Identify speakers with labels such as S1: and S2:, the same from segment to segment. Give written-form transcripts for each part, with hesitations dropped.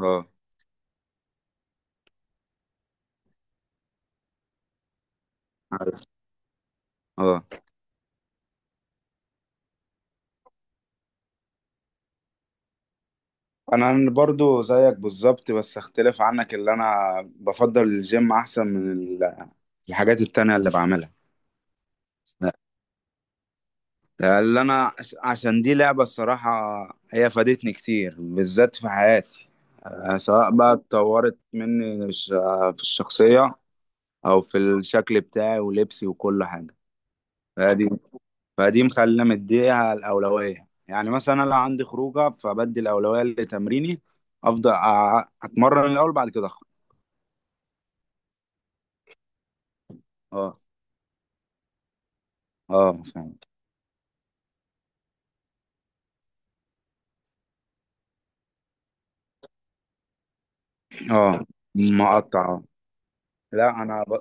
S1: اه. عارف. اه، انا برضو زيك بالظبط، بس اختلف عنك اللي انا بفضل الجيم احسن من الحاجات التانية اللي بعملها. لا، اللي انا عشان دي لعبة الصراحة. هي فادتني كتير، بالذات في حياتي، سواء بقى اتطورت مني في الشخصية او في الشكل بتاعي ولبسي وكل حاجة. فدي فدي مخلينا مديها الأولوية، يعني مثلا أنا لو عندي خروجة فبدي الأولوية لتمريني. أفضل أتمرن الأول، بعد كده أخرج. أه، أه، فهمت. أه، مقطع، أه. لا أنا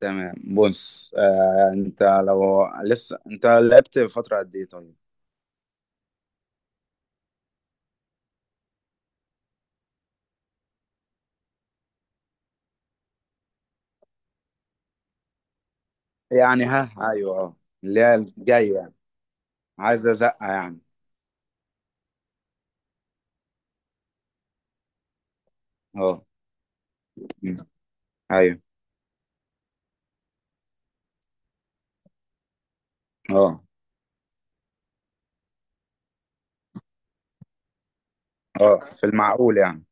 S1: تمام. بص أنت لو لسه أنت لعبت فترة قد إيه طيب؟ يعني، ها، أيوه، أه، اللي هي الجاية يعني، عايزة زقة يعني. أه. م. أيوه. أه. أه، في المعقول يعني.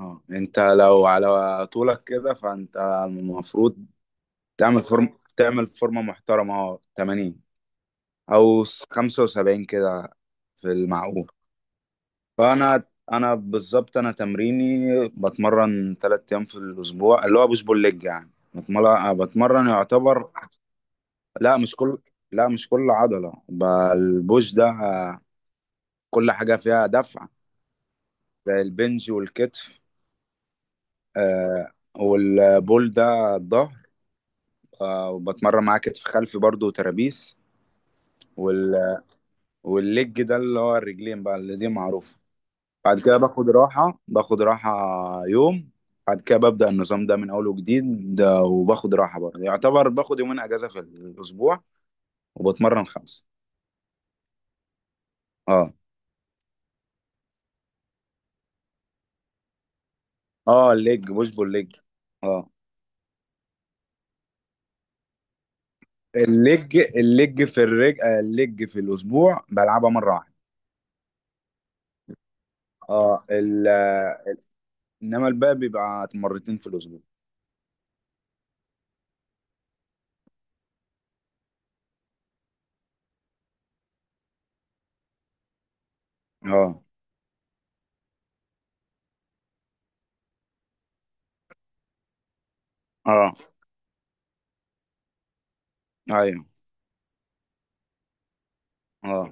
S1: اه، انت لو على طولك كده فانت المفروض تعمل تعمل فورمة محترمة، اه، 80، او 75 كده، في المعقول. فانا بالظبط، انا تمريني بتمرن ثلاث ايام في الاسبوع، اللي هو بوش بول ليج، يعني بتمرن يعتبر لا مش كل لا مش كل عضلة ب- البوش ده كل حاجة فيها دفع، زي البنج والكتف. آه. والبول ده الظهر، آه، وبتمرن معاه كتف خلفي برضو، وترابيس. والليج ده اللي هو الرجلين بقى، اللي دي معروفة. بعد كده باخد راحة، باخد راحة يوم. بعد كده ببدأ النظام ده من أول وجديد، ده وباخد راحة برضه، يعتبر باخد يومين أجازة في الأسبوع وبتمرن خمسة. اه، اه، الليج بوش بول ليج. اه، الليج الليج في الرج آه، الليج في الأسبوع بلعبها مرة واحدة. اه ال... آه، إنما الباقي بيبقى مرتين في الأسبوع. اه، اه، ايوه، اه.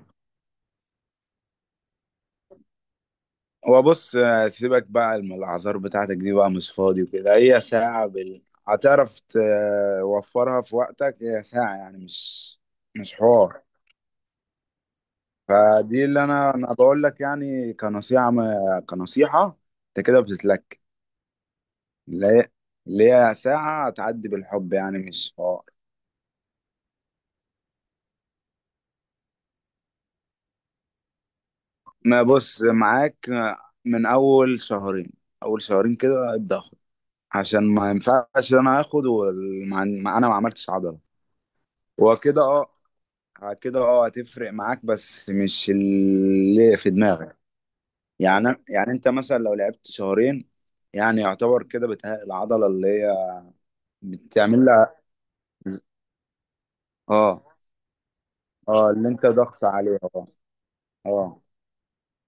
S1: هو بص، سيبك بقى من الاعذار بتاعتك دي، بقى مش فاضي وكده. هي ساعة هتعرف توفرها في وقتك، هي ساعة يعني، مش مش حوار. فدي اللي انا بقول لك يعني، كنصيحة ما... كنصيحة. انت كده بتتلك اللي هي اللي هي ساعة هتعدي بالحب، يعني مش حوار. ما بص معاك، من اول شهرين اول شهرين كده ابدأ اخد، عشان ما ينفعش انا اخد انا ما عملتش عضلة وكده. اه. بعد كده اه هتفرق معاك، بس مش اللي في دماغك. يعني انت مثلا لو لعبت شهرين، يعني يعتبر كده بتهيأ العضلة اللي هي بتعمل لها، ز- اه، اه، اللي انت ضغط عليها. اه، اه.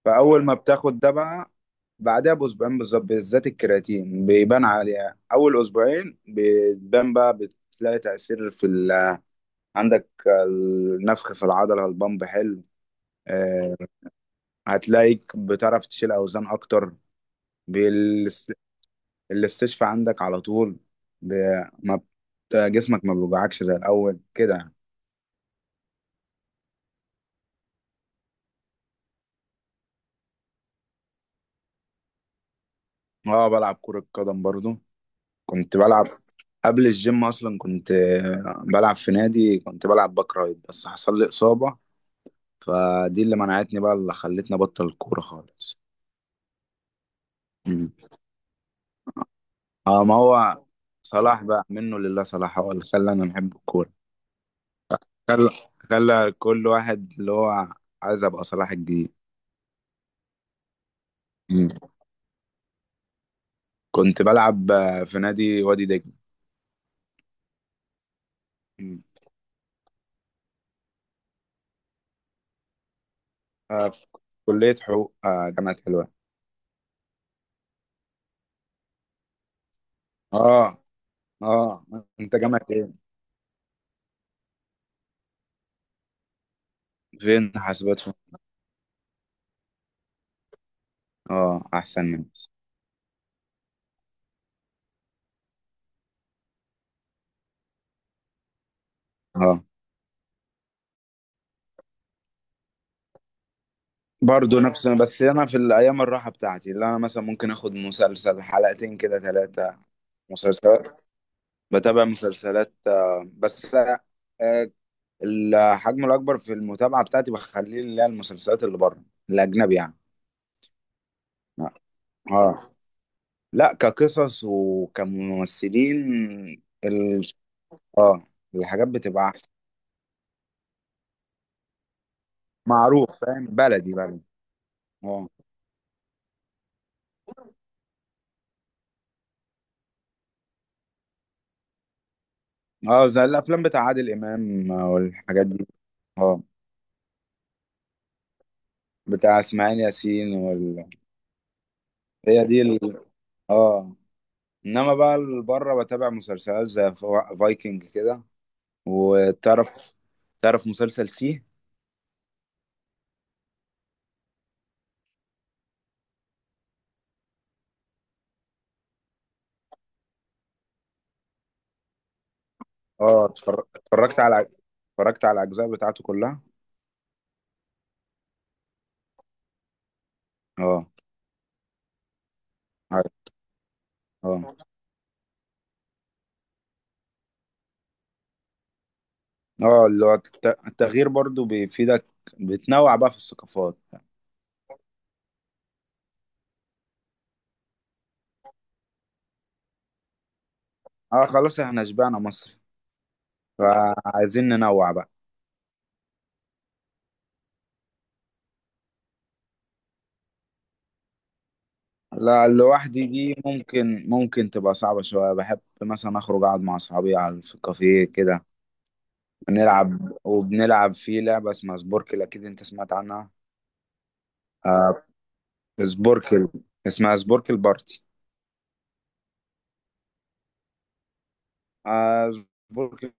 S1: فأول ما بتاخد ده بقى، بعدها بأسبوعين بالظبط، بالذات الكرياتين بيبان عليها. أول أسبوعين بتبان، بقى بتلاقي تأثير عندك، النفخ في العضلة، البامب حلو. آه، هتلاقيك بتعرف تشيل أوزان أكتر. بالاس- الاستشفاء عندك على طول. ب... ما بت- جسمك ما بيوجعكش زي الأول كده يعني. اه، بلعب كرة قدم برضو. كنت بلعب قبل الجيم أصلا، كنت بلعب في نادي، كنت بلعب باك رايت، بس حصل لي إصابة. فدي اللي منعتني بقى، اللي خلتني أبطل الكورة خالص. مم. اه، ما هو صلاح بقى منه لله. صلاح هو اللي خلاني أنا أحب الكورة. خلى خلى كل واحد اللي هو عايز أبقى صلاح الجديد. كنت بلعب، في نادي وادي دجله. مم. في كلية حقوق، جامعة حلوان. اه. اه. انت جامعة ايه؟ فين حاسبات فين؟ اه، احسن مني. اه، برضه نفس، بس انا في الايام الراحه بتاعتي اللي انا مثلا ممكن اخد مسلسل، حلقتين كده ثلاثه، مسلسلات. بتابع مسلسلات، آه، بس آه، الحجم الاكبر في المتابعه بتاعتي بخليه اللي هي المسلسلات اللي بره، الاجنبي يعني. اه. آه. لا، كقصص وكممثلين، ال- الحاجات بتبقى احسن. معروف، فاهم، بلدي بلدي. اه، اه، زي الافلام بتاع عادل امام والحاجات دي. اه، بتاع اسماعيل ياسين هي دي اه. انما بقى بره بتابع مسلسلات زي فايكنج كده، وتعرف، تعرف مسلسل سي. اه، اتفرجت على الاجزاء بتاعته كلها. اه. عارف. اه، اه، اللي هو التغيير برضو بيفيدك، بتنوع بقى في الثقافات. اه، خلاص، احنا شبعنا مصر، فعايزين ننوع بقى. لا، لوحدي دي ممكن تبقى صعبة شوية. بحب مثلا أخرج أقعد مع أصحابي على في الكافيه كده، نلعب وبنلعب في لعبة اسمها سبوركل، أكيد أنت سمعت عنها. آه، سبوركل اسمها سبوركل بارتي. آه سبوركل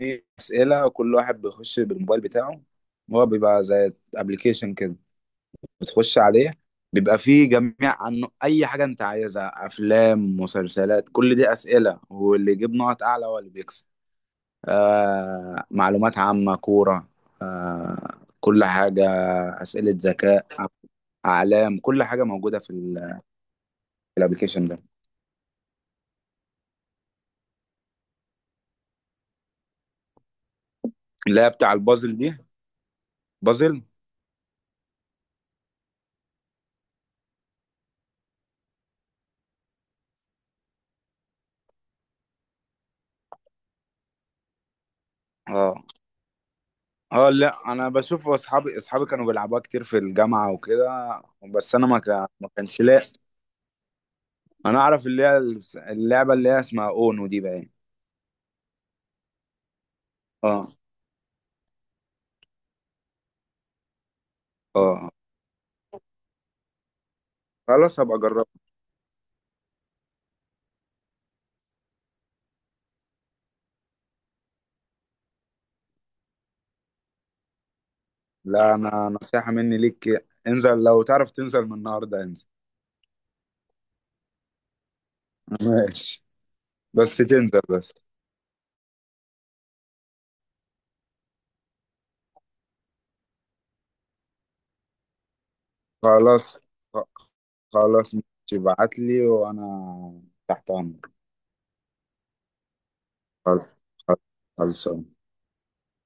S1: دي أسئلة، وكل واحد بيخش بالموبايل بتاعه، هو بيبقى زي أبلكيشن كده، بتخش عليه، بيبقى فيه جميع، عنه اي حاجه انت عايزها، افلام، مسلسلات، كل دي اسئله، واللي يجيب نقط اعلى هو اللي بيكسب. آه، معلومات عامه، كوره، آه، كل حاجه، اسئله ذكاء، اعلام، كل حاجه موجوده في الابليكيشن ده. اللي هي بتاع البازل دي، بازل. اه، اه. لا، انا بشوف اصحابي كانوا بيلعبوها كتير في الجامعه وكده، بس انا ما كانش لاقي. انا اعرف اللي هي اللعبه اللي هي اسمها اونو دي بقى. اه، اه، خلاص هبقى اجربها. لا، انا نصيحة مني ليك، انزل. لو تعرف تنزل من النهارده انزل. ماشي، بس تنزل بس. خلاص، خ- خلاص، ماشي. ابعت لي وانا تحت امرك. خلاص. خلاص. خلاص.